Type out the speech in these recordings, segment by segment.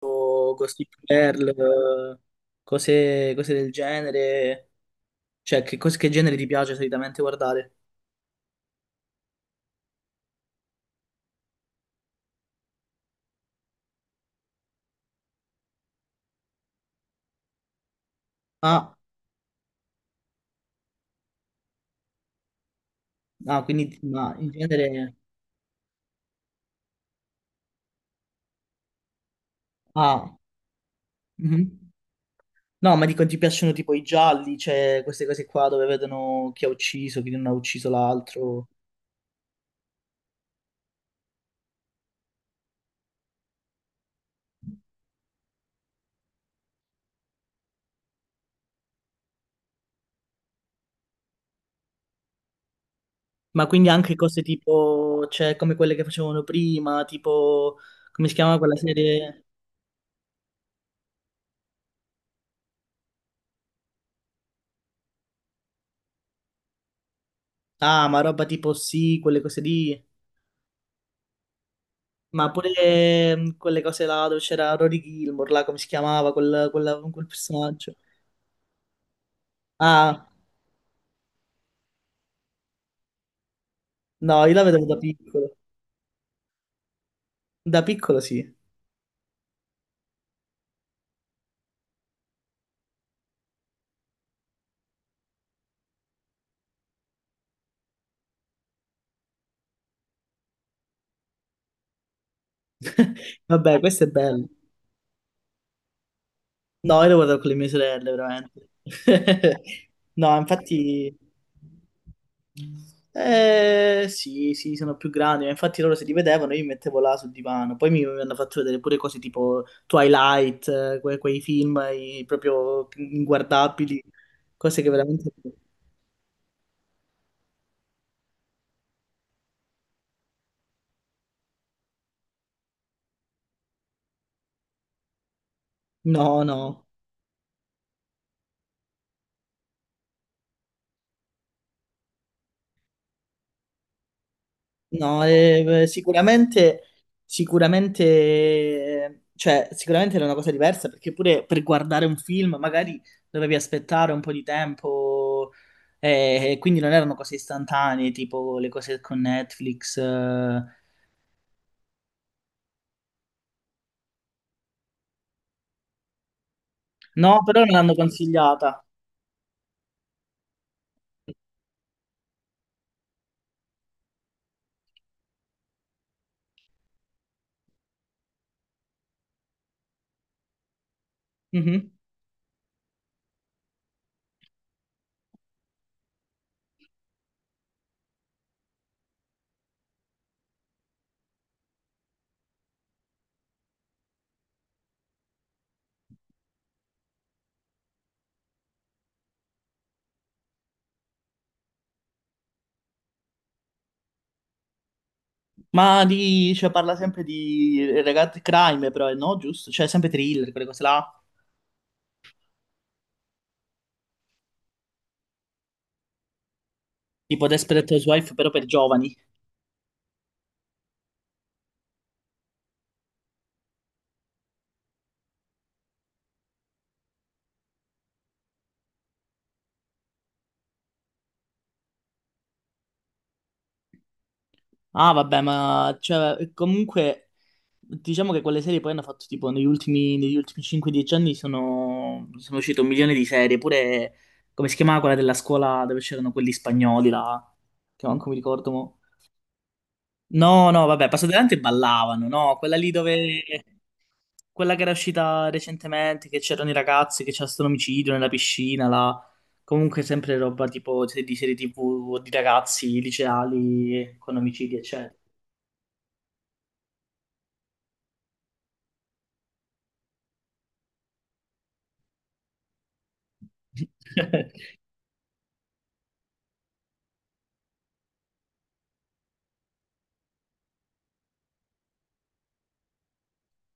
O Gossip Girl, cose del genere. Cioè, che genere ti piace solitamente guardare? Ah, ah, quindi ma in genere... Ah, mhm. No, ma dico, ti piacciono tipo i gialli, cioè queste cose qua dove vedono chi ha ucciso, chi non ha ucciso l'altro. Ma quindi anche cose tipo, cioè, come quelle che facevano prima, tipo, come si chiama quella serie? Ah, ma roba tipo sì, quelle cose lì. Ma pure quelle cose là dove c'era Rory Gilmore, là come si chiamava quel personaggio. Ah, no, io la vedevo da piccolo. Da piccolo sì. Vabbè, questo è bello. No, io lo guardavo con le mie sorelle, veramente. No, infatti... sì, sì, sono più grandi, ma infatti loro se li vedevano io mi mettevo là sul divano. Poi mi hanno fatto vedere pure cose tipo Twilight, quei film proprio inguardabili, cose che veramente... No, no, sicuramente, sicuramente, cioè, sicuramente era una cosa diversa perché pure per guardare un film magari dovevi aspettare un po' di tempo e quindi non erano cose istantanee tipo le cose con Netflix. No, però me l'hanno consigliata. Mhm. Ma cioè, parla sempre di ragazzi, crime però, no, giusto? Cioè, sempre thriller, quelle cose là. Tipo Desperate Housewife, però per giovani. Ah, vabbè, ma cioè, comunque diciamo che quelle serie poi hanno fatto tipo negli ultimi 5-10 anni sono uscite un milione di serie, pure come si chiamava quella della scuola dove c'erano quelli spagnoli là, che manco mi ricordo. Mo. No, no, vabbè, passo davanti e ballavano, no, quella lì dove... quella che era uscita recentemente, che c'erano i ragazzi, che c'era stato l'omicidio nella piscina là, comunque sempre roba tipo di serie TV, di ragazzi liceali con omicidi, eccetera.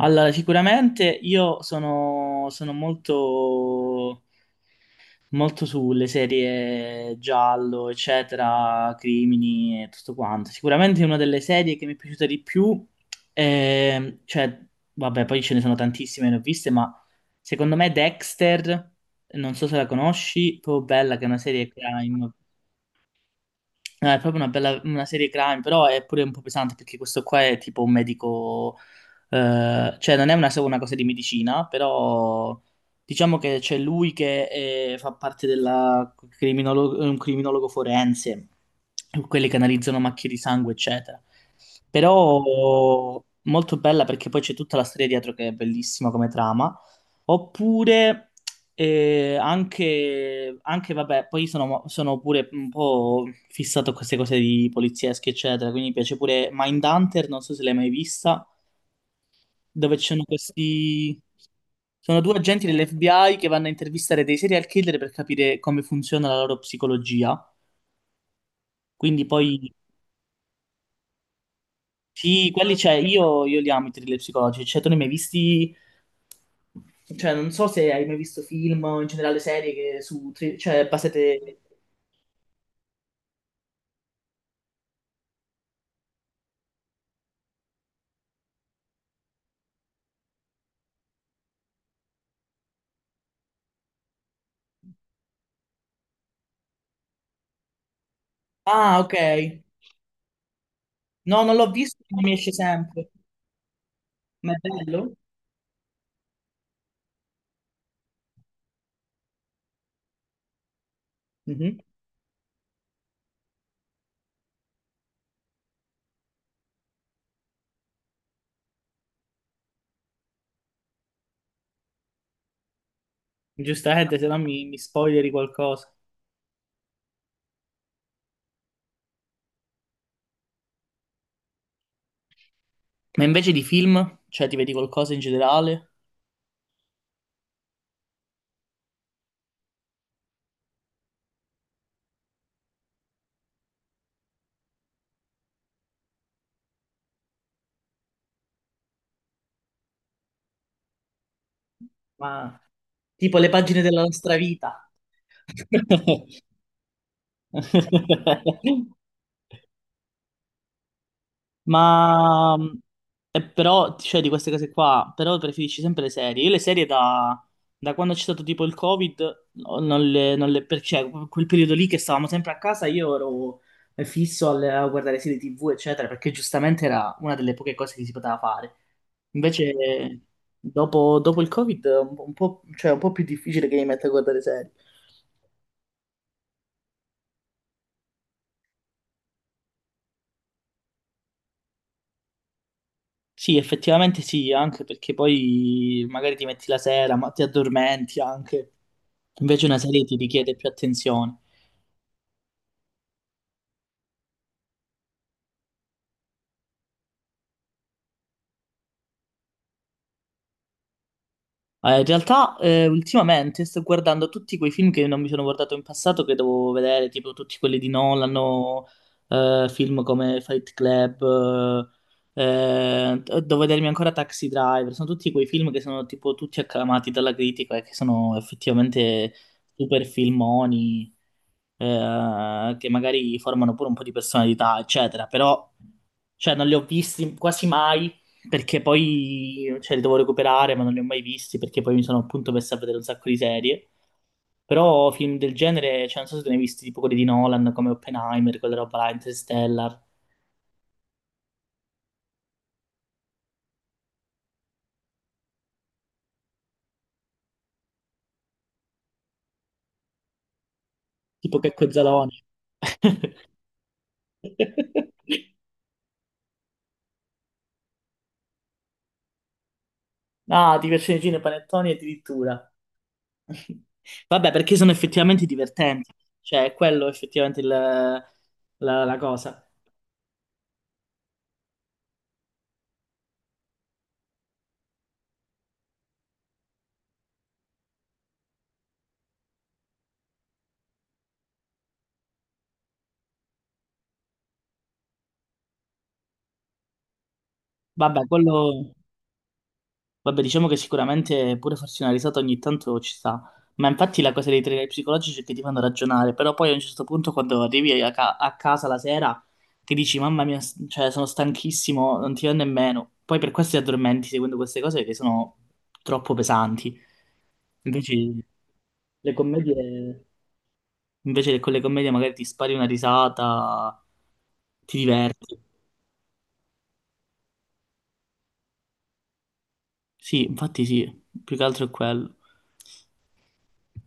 Allora, sicuramente io sono molto, molto sulle serie giallo, eccetera, crimini e tutto quanto. Sicuramente una delle serie che mi è piaciuta di più, cioè, vabbè, poi ce ne sono tantissime, ne ho viste, ma secondo me Dexter, non so se la conosci, proprio bella, che è una serie crime. No, è proprio una bella una serie crime, però è pure un po' pesante perché questo qua è tipo un medico, cioè non è solo una cosa di medicina, però diciamo che c'è lui che fa parte della criminologo, è un criminologo forense, quelli che analizzano macchie di sangue, eccetera. Però molto bella perché poi c'è tutta la storia dietro che è bellissima come trama. Oppure anche, vabbè, poi sono pure un po' fissato a queste cose di poliziesche, eccetera, quindi mi piace pure Mindhunter, non so se l'hai mai vista, dove ci sono questi... Sono due agenti dell'FBI che vanno a intervistare dei serial killer per capire come funziona la loro psicologia, quindi poi sì, quelli c'è, io li amo i thriller psicologici, cioè tu ne hai mai visti, cioè non so se hai mai visto film o in generale serie che su, cioè basate... Ah, ok, no, non l'ho visto, ma mi esce sempre, ma è bello? Mhm. Giustamente, se no mi spoileri qualcosa. Ma invece di film, cioè ti vedi qualcosa in generale? Ma tipo le pagine della nostra vita. Ma però, cioè, di queste cose qua, però preferisci sempre le serie. Io le serie da, da quando c'è stato tipo il Covid, non le, non le, per- cioè, quel periodo lì che stavamo sempre a casa, io ero fisso a guardare serie TV, eccetera, perché giustamente era una delle poche cose che si poteva fare. Invece, dopo, dopo il Covid, è un po' cioè, è un po' più difficile che mi metta a guardare serie. Sì, effettivamente sì, anche perché poi magari ti metti la sera, ma ti addormenti anche. Invece una serie ti richiede più attenzione. In realtà, ultimamente sto guardando tutti quei film che non mi sono guardato in passato, che dovevo vedere, tipo tutti quelli di Nolan, o, film come Fight Club, devo vedermi ancora Taxi Driver. Sono tutti quei film che sono tipo tutti acclamati dalla critica e che sono effettivamente super filmoni. Che magari formano pure un po' di personalità, eccetera, però cioè, non li ho visti quasi mai perché poi cioè, li devo recuperare, ma non li ho mai visti perché poi mi sono appunto messo a vedere un sacco di serie. Però film del genere, cioè, non so se te ne hai visti tipo quelli di Nolan come Oppenheimer, quella roba là, Interstellar, tipo Checco e Zalone. Ah, ti piacciono i cine panettoni addirittura. Vabbè, perché sono effettivamente divertenti. Cioè, è quello effettivamente la cosa. Vabbè, quello... Vabbè, diciamo che sicuramente pure farsi una risata ogni tanto ci sta. Ma infatti la cosa dei thriller psicologici è che ti fanno ragionare. Però poi a un certo punto, quando arrivi a casa la sera, ti dici, mamma mia, cioè, sono stanchissimo, non ti va nemmeno. Poi per questo ti addormenti seguendo queste cose che sono troppo pesanti. Invece le commedie... Invece che con le commedie magari ti spari una risata, ti diverti. Sì, infatti sì, più che altro è quello.